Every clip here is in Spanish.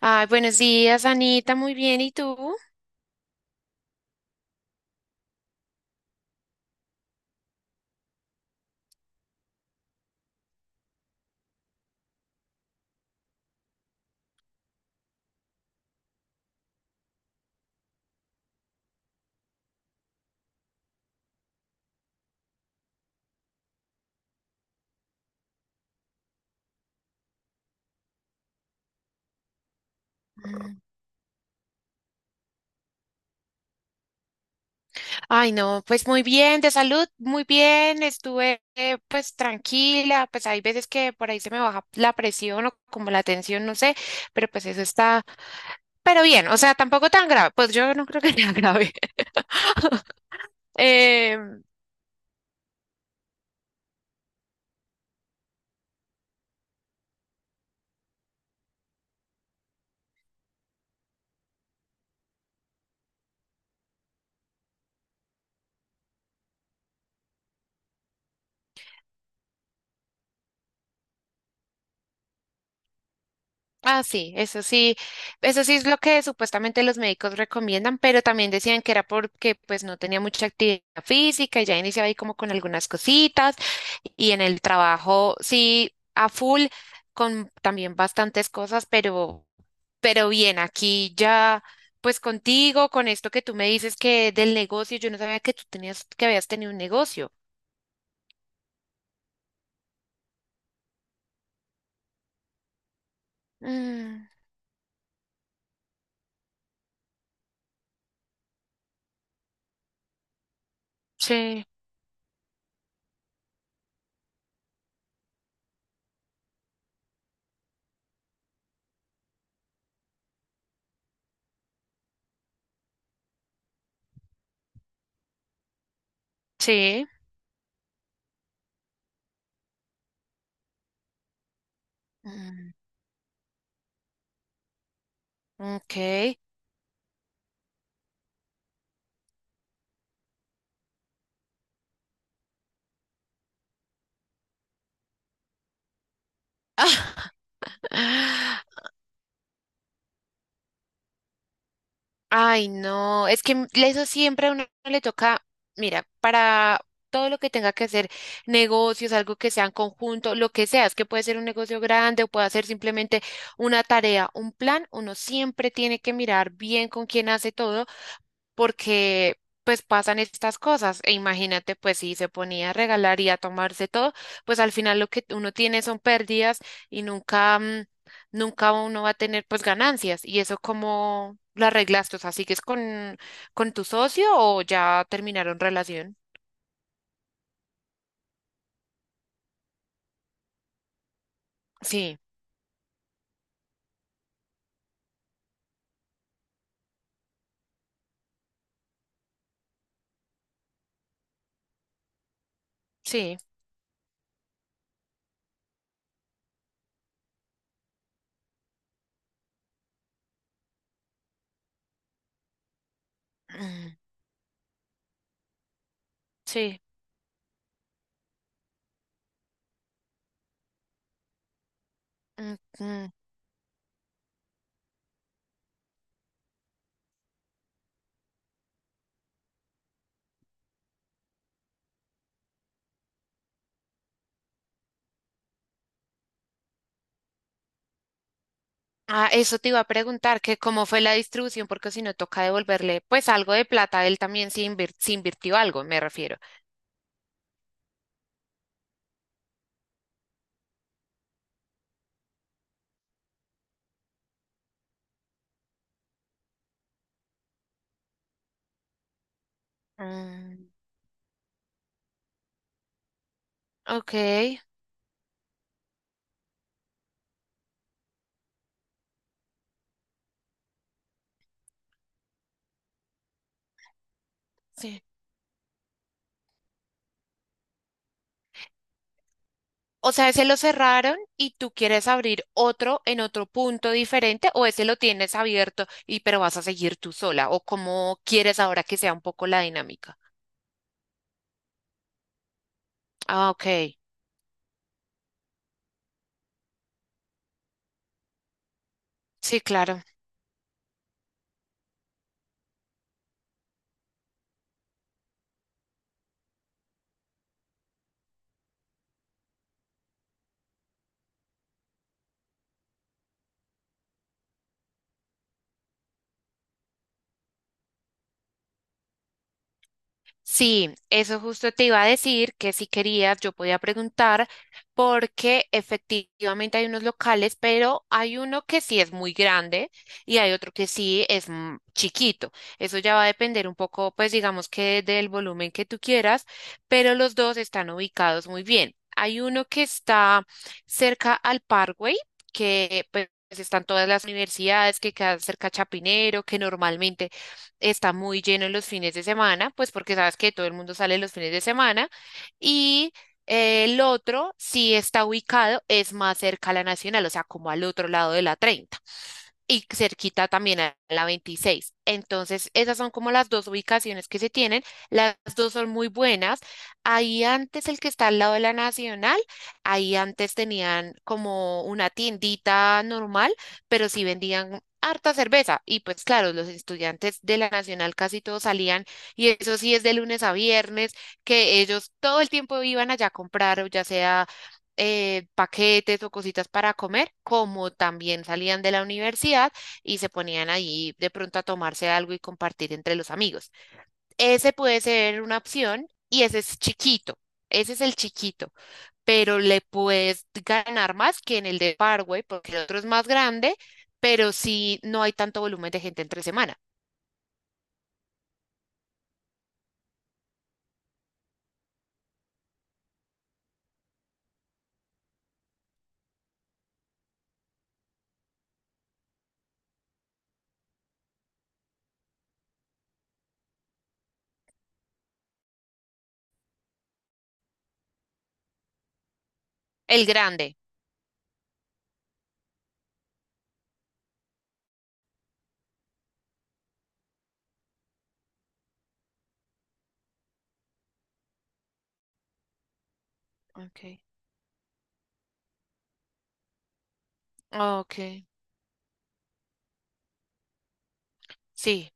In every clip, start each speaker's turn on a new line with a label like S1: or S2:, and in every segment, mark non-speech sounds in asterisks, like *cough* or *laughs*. S1: Ay, buenos días, Anita, muy bien, ¿y tú? Mm. Ay, no, pues muy bien, de salud, muy bien, estuve pues tranquila, pues hay veces que por ahí se me baja la presión o como la tensión, no sé, pero pues eso está, pero bien, o sea, tampoco tan grave, pues yo no creo que sea grave. *laughs* Em, Ah, sí, eso sí, eso sí es lo que supuestamente los médicos recomiendan, pero también decían que era porque pues no tenía mucha actividad física y ya iniciaba ahí como con algunas cositas y en el trabajo sí a full con también bastantes cosas, pero bien, aquí ya pues contigo, con esto que tú me dices que del negocio, yo no sabía que tú tenías que habías tenido un negocio. Mm, sí, sí. Mm, ok. *laughs* Ay, no, es que eso siempre a uno le toca, mira, para todo lo que tenga que hacer, negocios, algo que sea en conjunto, lo que sea, es que puede ser un negocio grande o puede ser simplemente una tarea, un plan, uno siempre tiene que mirar bien con quién hace todo porque pues pasan estas cosas. E imagínate, pues si se ponía a regalar y a tomarse todo, pues al final lo que uno tiene son pérdidas y nunca, nunca uno va a tener pues ganancias. ¿Y eso cómo lo arreglaste? O sea, ¿sigues con tu socio o ya terminaron relación? Sí, sí, mm, sí. Mm, mm. Ah, eso te iba a preguntar, que cómo fue la distribución, porque si no toca devolverle pues algo de plata, él también se invirtió algo, me refiero. Mm. Ok, sí. O sea, ese lo cerraron y tú quieres abrir otro en otro punto diferente o ese lo tienes abierto y pero vas a seguir tú sola o cómo quieres ahora que sea un poco la dinámica. Ah, ok. Sí, claro. Sí, eso justo te iba a decir que si querías yo podía preguntar porque efectivamente hay unos locales, pero hay uno que sí es muy grande y hay otro que sí es chiquito. Eso ya va a depender un poco, pues digamos que del volumen que tú quieras, pero los dos están ubicados muy bien. Hay uno que está cerca al Parkway, que pues están todas las universidades que quedan cerca a Chapinero, que normalmente está muy lleno en los fines de semana, pues porque sabes que todo el mundo sale los fines de semana. Y el otro sí está ubicado, es más cerca a la Nacional, o sea, como al otro lado de la 30 y cerquita también a la 26. Entonces, esas son como las dos ubicaciones que se tienen. Las dos son muy buenas. Ahí antes, el que está al lado de la Nacional, ahí antes tenían como una tiendita normal, pero sí vendían harta cerveza. Y pues claro, los estudiantes de la Nacional casi todos salían, y eso sí es de lunes a viernes, que ellos todo el tiempo iban allá a comprar, o ya sea paquetes o cositas para comer, como también salían de la universidad y se ponían allí de pronto a tomarse algo y compartir entre los amigos. Ese puede ser una opción y ese es chiquito. Ese es el chiquito, pero le puedes ganar más que en el de Parkway, porque el otro es más grande, pero sí no hay tanto volumen de gente entre semana. El grande. Okay. Okay. Sí,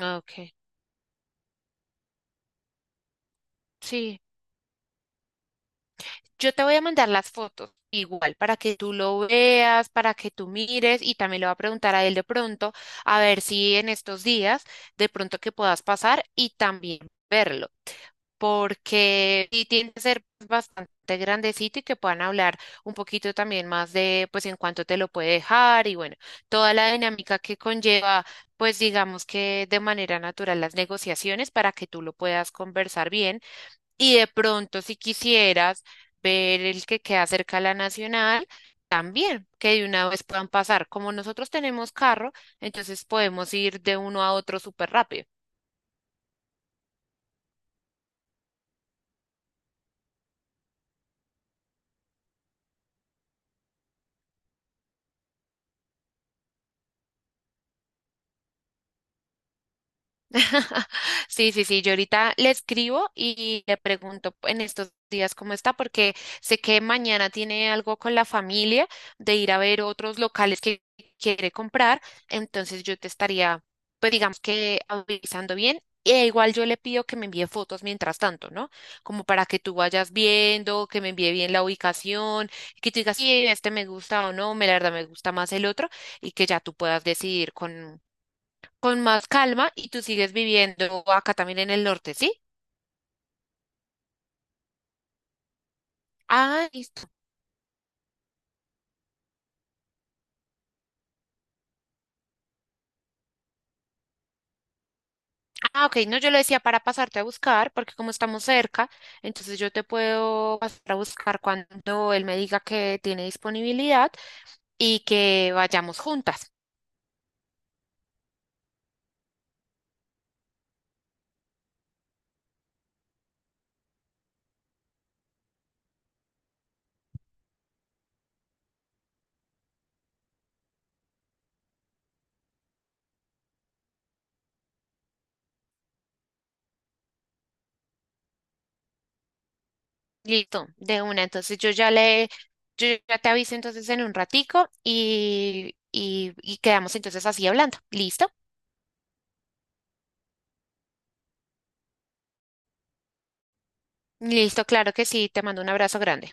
S1: okay. Sí. Yo te voy a mandar las fotos igual para que tú lo veas, para que tú mires y también le voy a preguntar a él de pronto a ver si en estos días de pronto que puedas pasar y también verlo, porque sí tiene que ser bastante grandecito y que puedan hablar un poquito también más de pues en cuánto te lo puede dejar y bueno, toda la dinámica que conlleva pues digamos que de manera natural las negociaciones para que tú lo puedas conversar bien y de pronto, si quisieras ver el que queda cerca a la Nacional, también, que de una vez puedan pasar. Como nosotros tenemos carro, entonces podemos ir de uno a otro súper rápido. *laughs* Sí, sí, sí, yo ahorita le escribo y le pregunto en estos días cómo está, porque sé que mañana tiene algo con la familia de ir a ver otros locales que quiere comprar, entonces yo te estaría, pues digamos que avisando bien. E igual yo le pido que me envíe fotos mientras tanto, ¿no? Como para que tú vayas viendo, que me envíe bien la ubicación, que tú digas, sí, este me gusta o no, me la verdad me gusta más el otro, y que ya tú puedas decidir con más calma y tú sigues viviendo acá también en el norte, ¿sí? Ah, listo. Ah, ok, no, yo le decía para pasarte a buscar, porque como estamos cerca, entonces yo te puedo pasar a buscar cuando él me diga que tiene disponibilidad y que vayamos juntas. Listo, de una. Entonces yo ya le, yo ya te aviso entonces en un ratico y quedamos entonces así hablando. ¿Listo? Listo, claro que sí, te mando un abrazo grande.